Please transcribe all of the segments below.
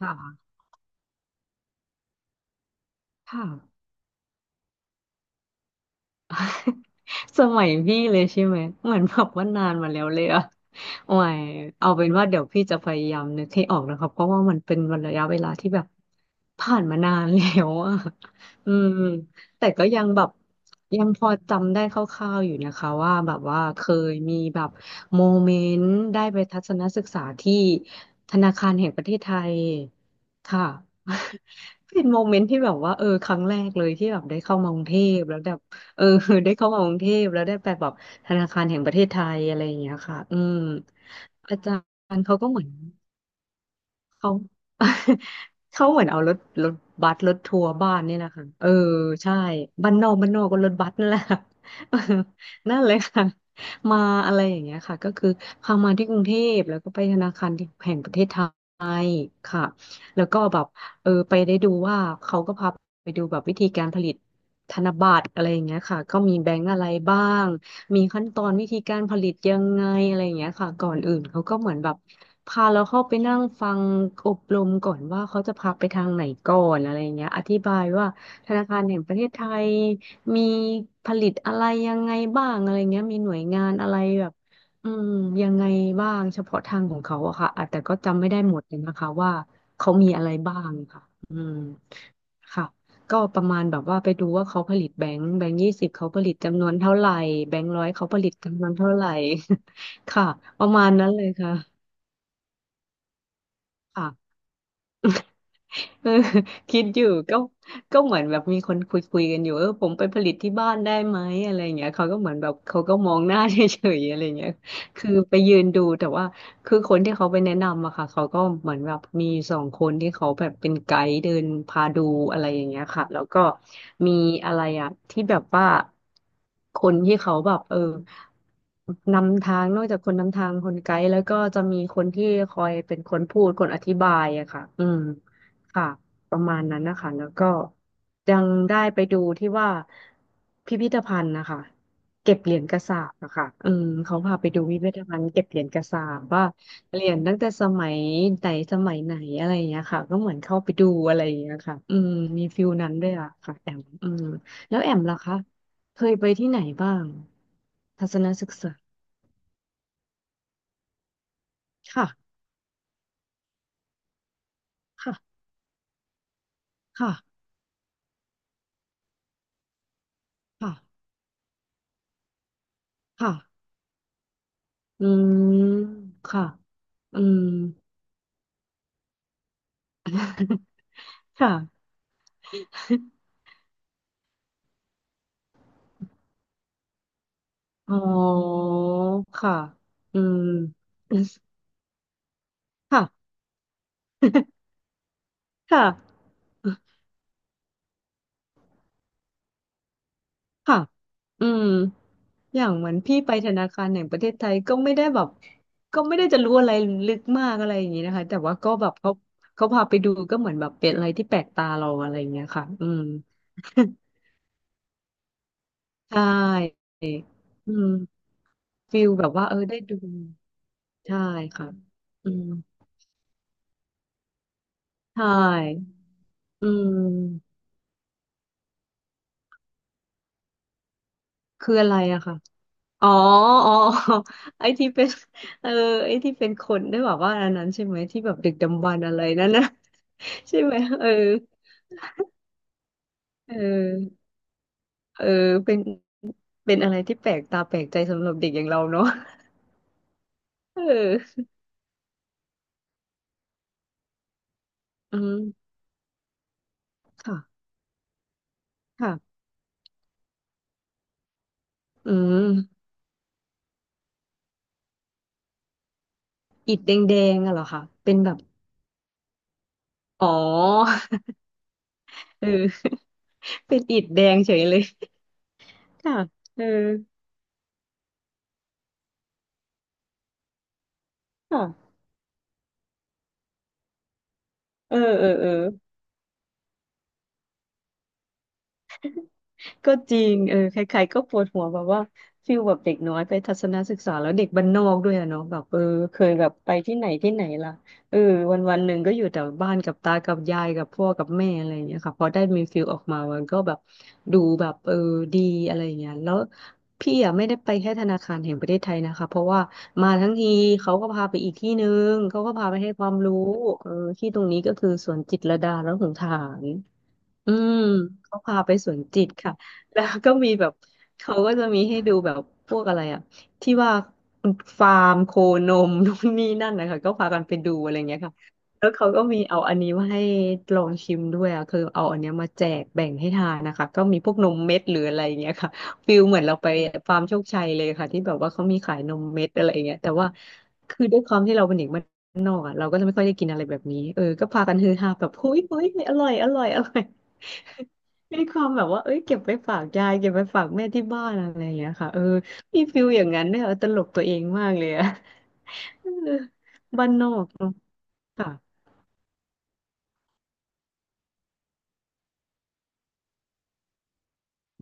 ค่ะค่ะ สมัยพี่เลยใช่ไหมเหมือนแบบว่านานมาแล้วเลยอะโอ้ยเอาเป็นว่าเดี๋ยวพี่จะพยายามนึกให้ออกนะครับเพราะว่ามันเป็นระยะเวลาที่แบบผ่านมานานแล้วอะ อืมแต่ก็ยังแบบยังพอจำได้คร่าวๆอยู่นะคะว่าแบบว่าเคยมีแบบโมเมนต์ได้ไปทัศนศึกษาที่ธนาคารแห่งประเทศไทยค่ะ เป็นโมเมนต์ที่แบบว่าเออครั้งแรกเลยที่แบบได้เข้ามากรุงเทพแล้วแบบ เออ ได้เข้ามากรุงเทพแล้วได้ไปแบบธนาคารแห่งประเทศไทยอะไรอย่างเงี้ยค่ะอืมอาจารย์เขาก็เหมือนเขา เขาเหมือนเอารถรถบัสรถทัวร์บ้านนี่แหละค่ะเออใช่บ้านนอกบ้านนอกก็รถบัสนั่นแหละค่ะ เออนั่นเลยค่ะมาอะไรอย่างเงี้ยค่ะก็คือเข้ามาที่กรุงเทพแล้วก็ไปธนาคารแห่งประเทศไท ค่ะแล้วก็แบบเออไปได้ดูว่าเขาก็พาไปดูแบบวิธีการผลิตธนบัตรอะไรอย่างเงี้ยค่ะก็มีแบงก์อะไรบ้างมีขั้นตอนวิธีการผลิตยังไงอะไรอย่างเงี้ยค่ะก่อนอื่นเขาก็เหมือนแบบพาเราเข้าไปนั่งฟังอบรมก่อนว่าเขาจะพาไปทางไหนก่อนอะไรอย่างเงี้ยอธิบายว่าธนาคารแห่งประเทศไทยมีผลิตอะไรยังไงบ้างอะไรเงี้ยมีหน่วยงานอะไรแบบ อืมยังไงบ้างเฉพาะทางของเขาอะค่ะอาจแต่ก็จำไม่ได้หมดเลยนะคะว่าเขามีอะไรบ้างค่ะอืมค่ะก็ประมาณแบบว่าไปดูว่าเขาผลิตแบงค์แบงค์ 20เขาผลิตจำนวนเท่าไหร่แบงค์ 100เขาผลิตจำนวนเท่าไหร่ ค่ะประมาณนั้นเลยค่ะค่ะ เออคิดอยู่ก็ก็เหมือนแบบมีคนคุยกันอยู่เออผมไปผลิตที่บ้านได้ไหมอะไรเงี้ยเขาก็เหมือนแบบเขาก็มองหน้าเฉยๆอะไรเงี้ยคือไปยืนดูแต่ว่าคือคนที่เขาไปแนะนำอะค่ะเขาก็เหมือนแบบมี2 คนที่เขาแบบเป็นไกด์เดินพาดูอะไรอย่างเงี้ยค่ะแล้วก็มีอะไรอะที่แบบว่าคนที่เขาแบบเออนำทางนอกจากคนนำทางคนไกด์แล้วก็จะมีคนที่คอยเป็นคนพูดคนอธิบายอะค่ะอืม ค่ะประมาณนั้นนะคะแล้วก็ยังได้ไปดูที่ว่าพิพิธภัณฑ์นะคะเก็บเหรียญกระสาปอะค่ะอืมเขาพาไปดูพิพิธภัณฑ์เก็บเหรียญกระสาปว่าเหรียญตั้งแต่สมัยไหนสมัยไหนอะไรอย่างเงี้ยค่ะก็เหมือนเข้าไปดูอะไรอย่างเงี้ยค่ะอืมมีฟิลนั้นด้วยอะค่ะแอมอืมแล้วแอมล่ะคะเคยไปที่ไหนบ้างทัศนศึกษาค่ะค่ะค่ะค่ะค่ะอืมค่ะอืมค่ะ อ๋อค่ะ อืม ค่ะ ค่ะค่ะอืมอย่างเหมือนพี่ไปธนาคารแห่งประเทศไทยก็ไม่ได้แบบก็ไม่ได้จะรู้อะไรลึกมากอะไรอย่างนี้นะคะแต่ว่าก็แบบเขาพาไปดูก็เหมือนแบบเป็นอะไรที่แปลกตาเราอะไรอย่างเงี้ยค่ะอืม ใช่อืมฟิลแบบว่าเออได้ดูใช่ค่ะอืมใช่อืมคืออะไรอะค่ะ อ๋ออ๋อ อ๋อไอ้ที่เป็น เออไอ้ที่เป็นคนได้บอกว่าอันนั้นใช่ไหมที่แบบดึกดำบรรพ์อะไรนั่นนะ ใช่ไหมเออเออเออเป็นเป็นอะไรที่แปลกตาแปลกใจสำหรับเด็กอย่างเราเนาะ เอออืมค่ะค่ะอืมอิฐแดงๆอะเหรอคะเป็นแบบ อ๋อ เออ เป็นอิฐแดงเฉยเลยค่ะเออค่ะเออเออเออ ก็จริงเออใครๆก็ปวดหัวแบบว่าฟิลแบบเด็กน้อยไปทัศนศึกษาแล้วเด็กบ้านนอกด้วยอะเนาะแบบเออเคยแบบไปที่ไหนที่ไหนล่ะเออวันวันหนึ่งก็อยู่แต่บ้านกับตา กับยายกับพ่อกับแม่อะไรอย่างเงี้ยค่ะพอได้มีฟิลออกมามันก็แบบดูแบบเออดีอะไรอย่างเงี้ยแล้วพี่อะไม่ได้ไปแค่ธนาคารแห่งประเทศไทยนะคะ เพราะว่ามาทั้งทีเขาก็พาไปอีกที่หนึ่งเขาก็พาไปให้ความรู้เออที่ตรงนี้ก็คือสวนจิตรลดาและหงส์ฐาน อืมเขาพาไปสวนจิตค่ะแล้วก็มีแบบเขาก็จะมีให้ดูแบบพวกอะไรอะที่ว่าฟาร์มโคนมนู่นนี่นั่นนะคะก็พากันไปดูอะไรเงี้ยค่ะแล้วเขาก็มีเอาอันนี้มาให้ลองชิมด้วยอะคือเอาอันเนี้ยมาแจกแบ่งให้ทานนะคะก็มีพวกนมเม็ดหรืออะไรเงี้ยค่ะฟิลเหมือนเราไปฟาร์มโชคชัยเลยค่ะที่แบบว่าเขามีขายนมเม็ดอะไรเงี้ยแต่ว่าคือด้วยความที่เราเป็นเด็กบ้านนอกอะเราก็จะไม่ค่อยได้กินอะไรแบบนี้เออก็พากันฮือฮาแบบเฮ้ยเฮ้ยอร่อยอร่อยอร่อย มีความแบบว่าเอ้ยเก็บไปฝากยายเก็บไปฝากแม่ที่บ้านอะไรอย่างเงี้ยค่ะเออมีฟิลอย่างนั้นเนี่ยเออตลกตัวเองมากเลยอะ เออบ้านนอกเนอะค่ะ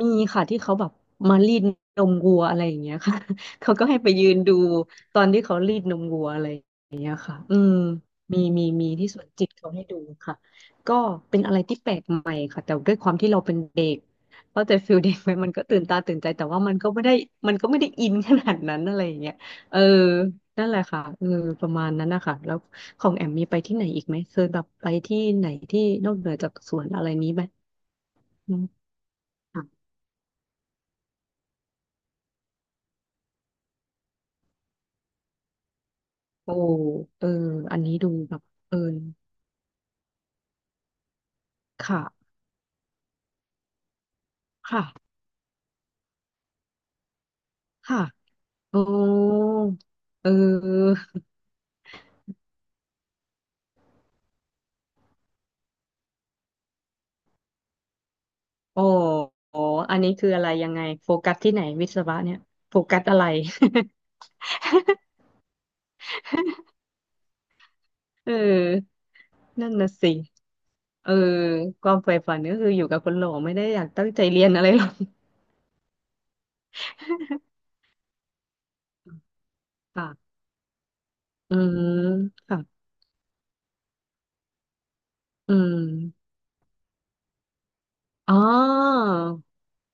มีค่ะที่เขาแบบมารีดนมวัวอะไรอย่างเงี้ยค่ะ เขาก็ให้ไปยืนดูตอนที่เขารีดนมวัวอะไร ค่ะอืมมีมีมีที่สวนจิตเขาให้ดูค่ะก็เป็นอะไรที่แปลกใหม่ค่ะแต่ด้วยความที่เราเป็นเด็กเข้าใจฟิลเด็กไหมมันก็ตื่นตาตื่นใจแต่ว่ามันก็ไม่ได้อินขนาดนั้นอะไรอย่างเงี้ยเออนั่นแหละค่ะเออประมาณนั้นนะคะแล้วของแอมมีไปที่ไหนอีกไหมเคยแบบไปที่ไหนที่นอกเหนือจากสวนอะไรนี้ไหมอืมค่ะโอ้เอออันนี้ดูแบบเออค่ะค่ะค่ะโอ้เออ โอ้โหอันนี้คืออะไรยังไงโฟกัสที่ไหนวิศวะเนี่ยโฟกัสอะไร เออนั่นน่ะสิเออความใฝ่ฝันก็คืออยู่กับคนหล่อไม่ได้อยากตั้งใจเรียนอะไรหรอก ค่ะอืมค่ะอืมอ๋อ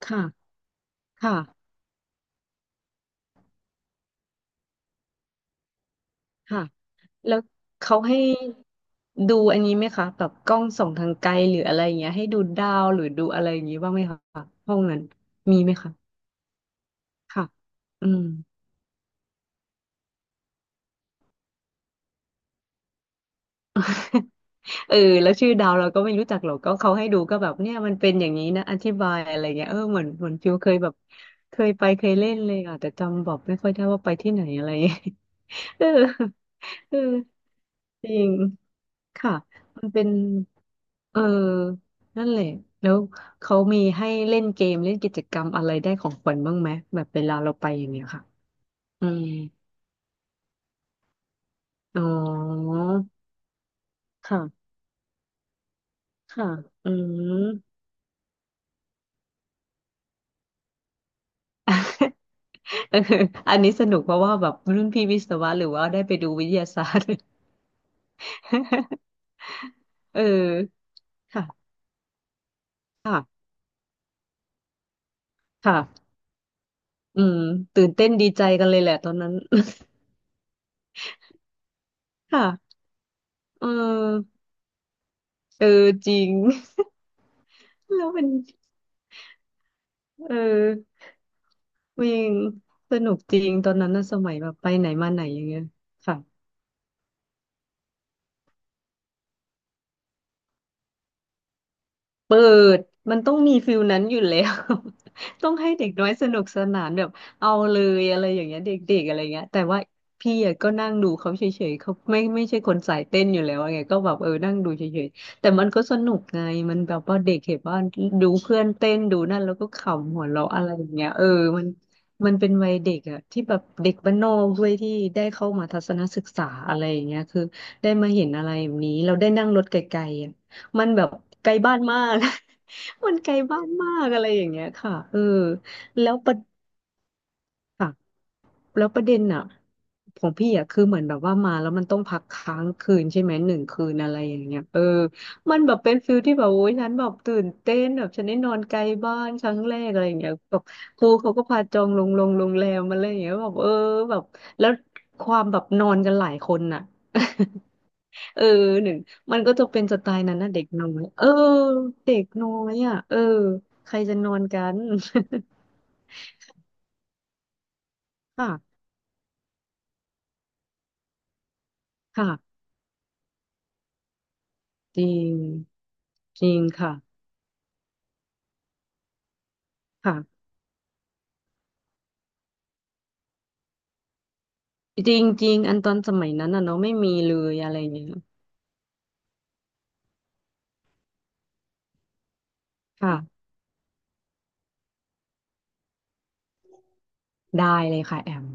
ค่ะค่ะค่ะแล้วเขาให้ดูอันนี้ไหมคะแบบกล้องส่องทางไกลหรืออะไรอย่างเงี้ยให้ดูดาวหรือดูอะไรอย่างงี้บ้างไหมคะห้องนั้นมีไหมคะค่ะอืม เออแล้วชื่อดาวเราก็ไม่รู้จักหรอกก็เขาให้ดูก็แบบเนี่ยมันเป็นอย่างนี้นะอธิบายอะไรเงี้ยเออเหมือนฟิวเคยแบบเคยไปเคยเล่นเลยอ่ะแต่จำบอกไม่ค่อยได้ว่าไปที่ไหนอะไรเงี้ย เออเออจริงค่ะมันเป็นเออนั่นแหละแล้วเขามีให้เล่นเกมเล่นกิจกรรมอะไรได้ของขวัญบ้างไหมแบบเวลาเราไปอย่างเงี้ยค่ะอืมอ๋อค่ะค่ะอืม เอออันนี้สนุกเพราะว่าแบบรุ่นพี่วิศวะหรือว่าได้ไปดูวิทยาศาสตร์ เออค่ะค่ะค่ะอืมตื่นเต้นดีใจกันเลยแหละตอนนั้น ค่ะเออเออจริง แล้วเป็นเออวิ่งสนุกจริงตอนนั้นนะสมัยแบบไปไหนมาไหนอย่างเงี้ยค่ะ เปิดมันต้องมีฟิลนั้นอยู่แล้ว ต้องให้เด็กน้อยสนุกสนานแบบเอาเลยอะไรอย่างเงี้ยเด็กๆอะไรเงี้ยแต่ว่าพี่อะก็นั่งดูเขาเฉยๆเขาไม่ใช่คนสายเต้นอยู่แล้วไงก็แบบเออนั่งดูเฉยๆแต่มันก็สนุกไงมันแบบว่าเด็กเห็นว่าดูเพื่อนเต้นดูนั่นแล้วก็ขำหัวเราะอะไรอย่างเงี้ยเออมันมันเป็นวัยเด็กอะที่แบบเด็กบ้านนอกด้วยที่ได้เข้ามาทัศนศึกษาอะไรอย่างเงี้ยคือได้มาเห็นอะไรแบบนี้เราได้นั่งรถไกลๆอะ มันแบบไกลบ้านมาก มันไกลบ้านมากอะไรอย่างเงี้ยค่ะเออแล้วประค่ะแล้วประเด็นอ่ะของพี่อ่ะคือเหมือนแบบว่ามาแล้วมันต้องพักค้างคืนใช่ไหมหนึ่งคืนอะไรอย่างเงี้ยเออมันแบบเป็นฟิลที่แบบโอ้ยฉันแบบตื่นเต้นแบบฉันได้นอนไกลบ้านครั้งแรกอะไรอย่างเงี้ยแบบครูเขาก็พาจองโรงแรมมาอะไรอย่างเงี้ยแบบเออแบบแล้วความแบบนอนกันหลายคนน่ะ เออหนึ่งมันก็จะเป็นสไตล์นั้นนะเด็กน้อยเออเด็กน้อยอ่ะเออใครจะนอนกัน ค่ะค่ะจริงจริงค่ะค่ะจริงจริงอันตอนสมัยนั้นอ่ะเนาะไม่มีเลยอะไรอย่างเงี้ยค่ะได้เลยค่ะแอม